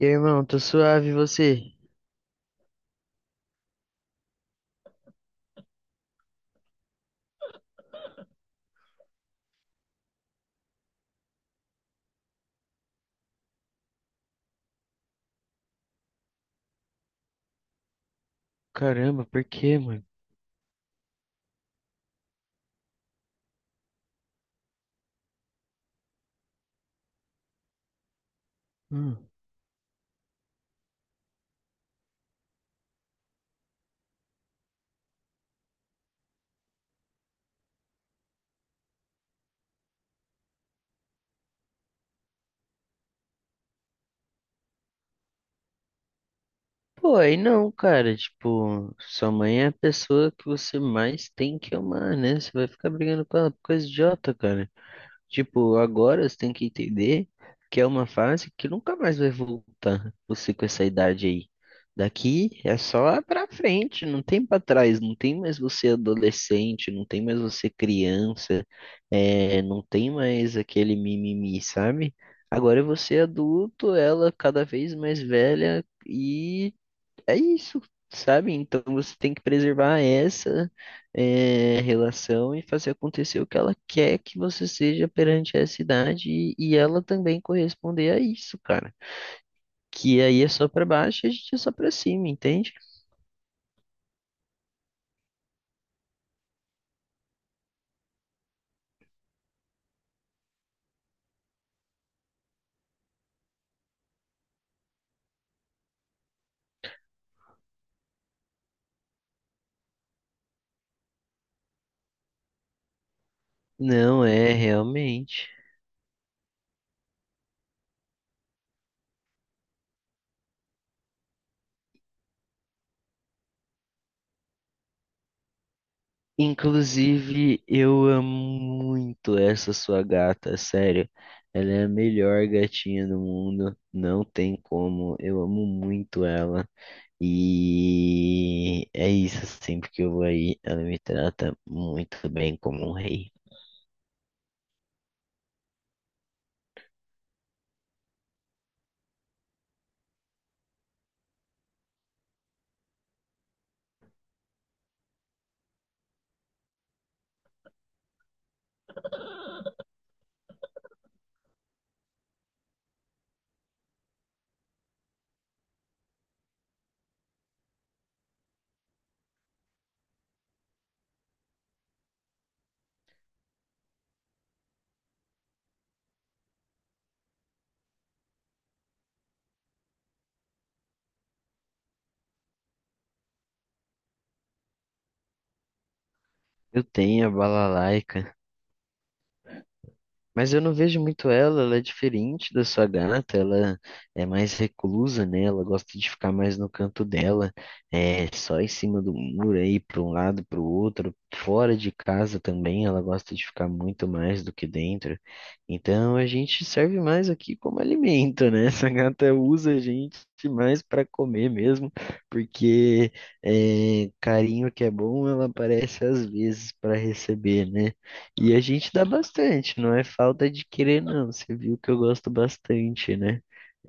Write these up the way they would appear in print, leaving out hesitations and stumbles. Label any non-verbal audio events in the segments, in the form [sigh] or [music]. E aí, irmão, tô suave, e você? Caramba, por quê, mano? Hum. Pô, aí não, cara, tipo, sua mãe é a pessoa que você mais tem que amar, né? Você vai ficar brigando com ela por coisa idiota, cara. Tipo, agora você tem que entender que é uma fase que nunca mais vai voltar, você com essa idade aí. Daqui é só pra frente, não tem pra trás, não tem mais você adolescente, não tem mais você criança. É, não tem mais aquele mimimi, sabe? Agora é você adulto, ela cada vez mais velha e é isso, sabe? Então você tem que preservar essa, relação e fazer acontecer o que ela quer que você seja perante essa idade e ela também corresponder a isso, cara. Que aí é só pra baixo e a gente é só pra cima, entende? Não, é realmente. Inclusive, eu amo muito essa sua gata, sério. Ela é a melhor gatinha do mundo, não tem como. Eu amo muito ela. E é isso, sempre que eu vou aí, ela me trata muito bem como um rei. Eu tenho a Balalaica, mas eu não vejo muito ela, ela é diferente da sua gata, ela é mais reclusa, né? Ela gosta de ficar mais no canto dela, é só em cima do muro aí, para um lado, para o outro, fora de casa também, ela gosta de ficar muito mais do que dentro. Então a gente serve mais aqui como alimento, né? [laughs] Essa gata usa a gente mais para comer mesmo, porque carinho que é bom, ela aparece às vezes para receber, né? E a gente dá bastante, não é falta de querer, não. Você viu que eu gosto bastante, né?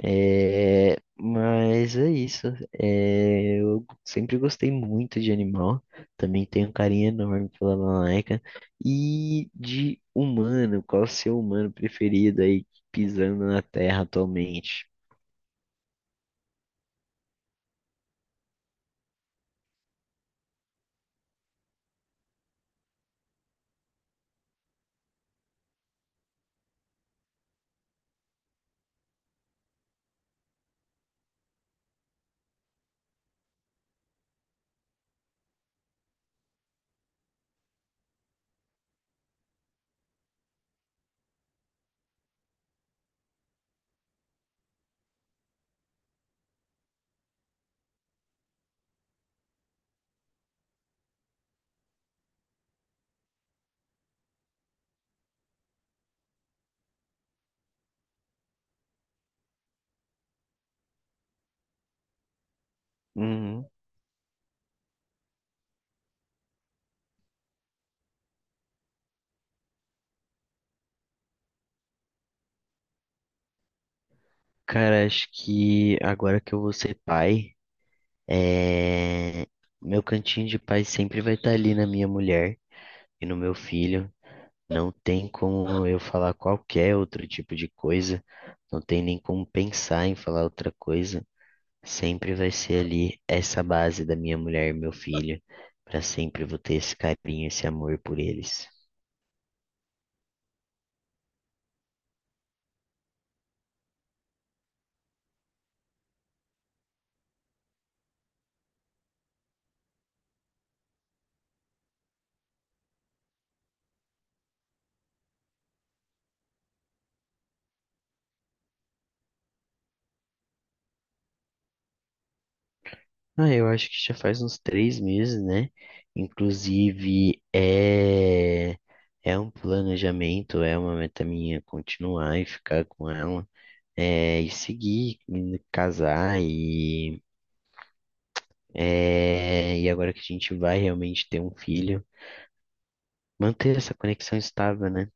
É, mas é isso. É, eu sempre gostei muito de animal. Também tenho um carinho enorme pela Malaika. E de humano, qual o seu humano preferido aí pisando na Terra atualmente? Uhum. Cara, acho que agora que eu vou ser pai, é, meu cantinho de pai sempre vai estar ali na minha mulher. E no meu filho, não tem como eu falar qualquer outro tipo de coisa, não tem nem como pensar em falar outra coisa. Sempre vai ser ali essa base da minha mulher e meu filho. Pra sempre vou ter esse carinho, esse amor por eles. Ah, eu acho que já faz uns três meses, né? Inclusive, é um planejamento, é uma meta minha continuar e ficar com ela, e seguir, e casar e é, e agora que a gente vai realmente ter um filho, manter essa conexão estável, né?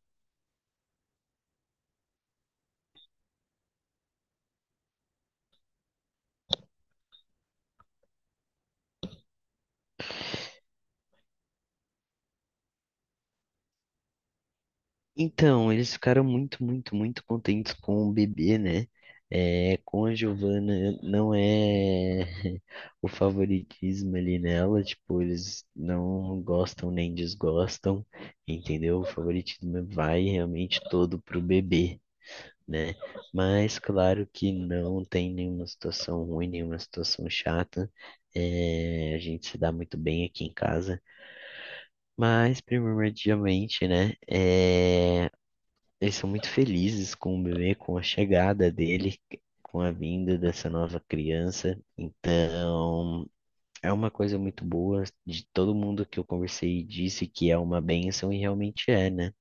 Então, eles ficaram muito contentes com o bebê, né? É, com a Giovana não é [laughs] o favoritismo ali nela, tipo, eles não gostam nem desgostam, entendeu? O favoritismo vai realmente todo pro bebê, né? Mas claro que não tem nenhuma situação ruim, nenhuma situação chata. É, a gente se dá muito bem aqui em casa. Mas, primordialmente, né? Eles são muito felizes com o bebê, com a chegada dele, com a vinda dessa nova criança. Então, é uma coisa muito boa. De todo mundo que eu conversei disse que é uma bênção e realmente é, né?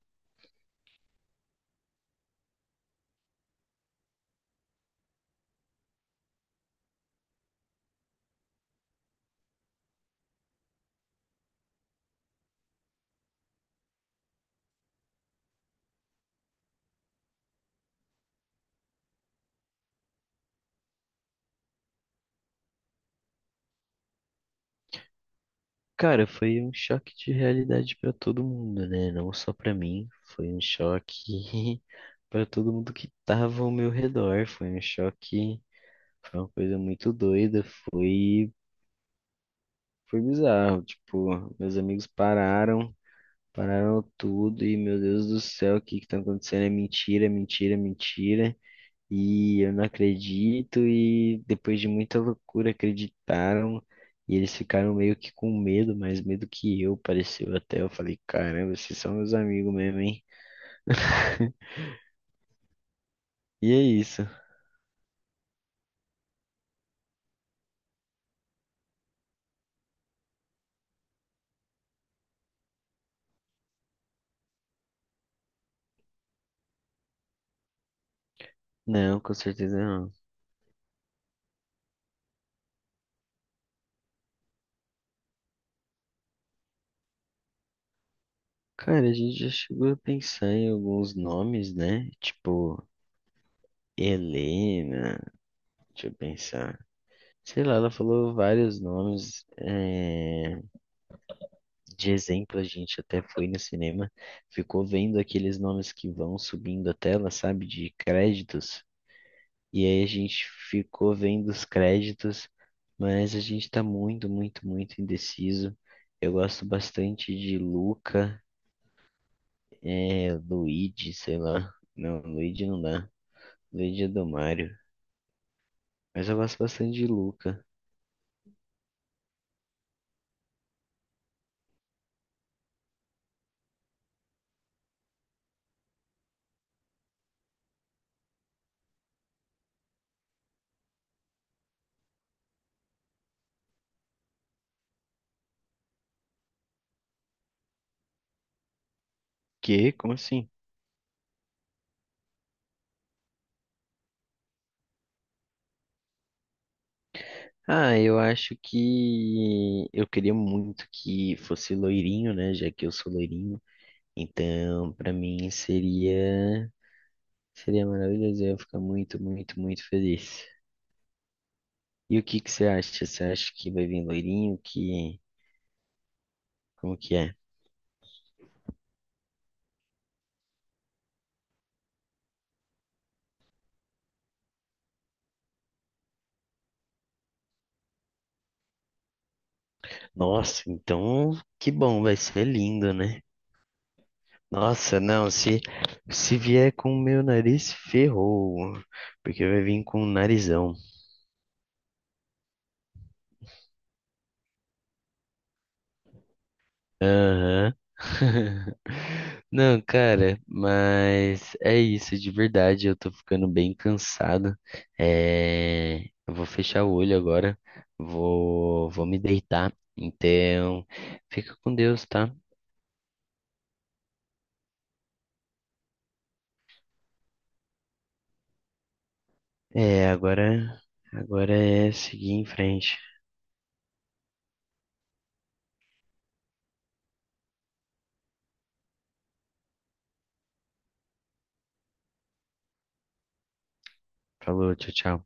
Cara, foi um choque de realidade pra todo mundo, né? Não só pra mim, foi um choque [laughs] pra todo mundo que tava ao meu redor, foi um choque, foi uma coisa muito doida, foi bizarro, tipo, meus amigos pararam, pararam tudo e meu Deus do céu, o que que tá acontecendo? É mentira, é mentira, é mentira e eu não acredito, e depois de muita loucura acreditaram, e eles ficaram meio que com medo, mais medo que eu, pareceu até. Eu falei, caramba, vocês são meus amigos mesmo, hein? E é isso. Não, com certeza não. Cara, a gente já chegou a pensar em alguns nomes, né? Tipo, Helena, deixa eu pensar. Sei lá, ela falou vários nomes. De exemplo, a gente até foi no cinema, ficou vendo aqueles nomes que vão subindo a tela, sabe, de créditos, e aí a gente ficou vendo os créditos, mas a gente tá muito indeciso. Eu gosto bastante de Luca, Luigi, sei lá. Não, Luigi não dá. Luigi é do Mario. Mas eu gosto bastante de Luca. Que? Como assim? Ah, eu acho que eu queria muito que fosse loirinho, né? Já que eu sou loirinho. Então, para mim seria maravilhoso, eu ia ficar muito feliz. E o que que você acha? Você acha que vai vir loirinho? Que como que é? Nossa, então que bom, vai ser lindo, né? Nossa, não, se vier com o meu nariz ferrou, porque vai vir com o narizão. Aham. [laughs] Não, cara, mas é isso, de verdade. Eu tô ficando bem cansado. É, eu vou fechar o olho agora. Vou me deitar. Então, fica com Deus, tá? É, agora é seguir em frente. Falou, tchau, tchau.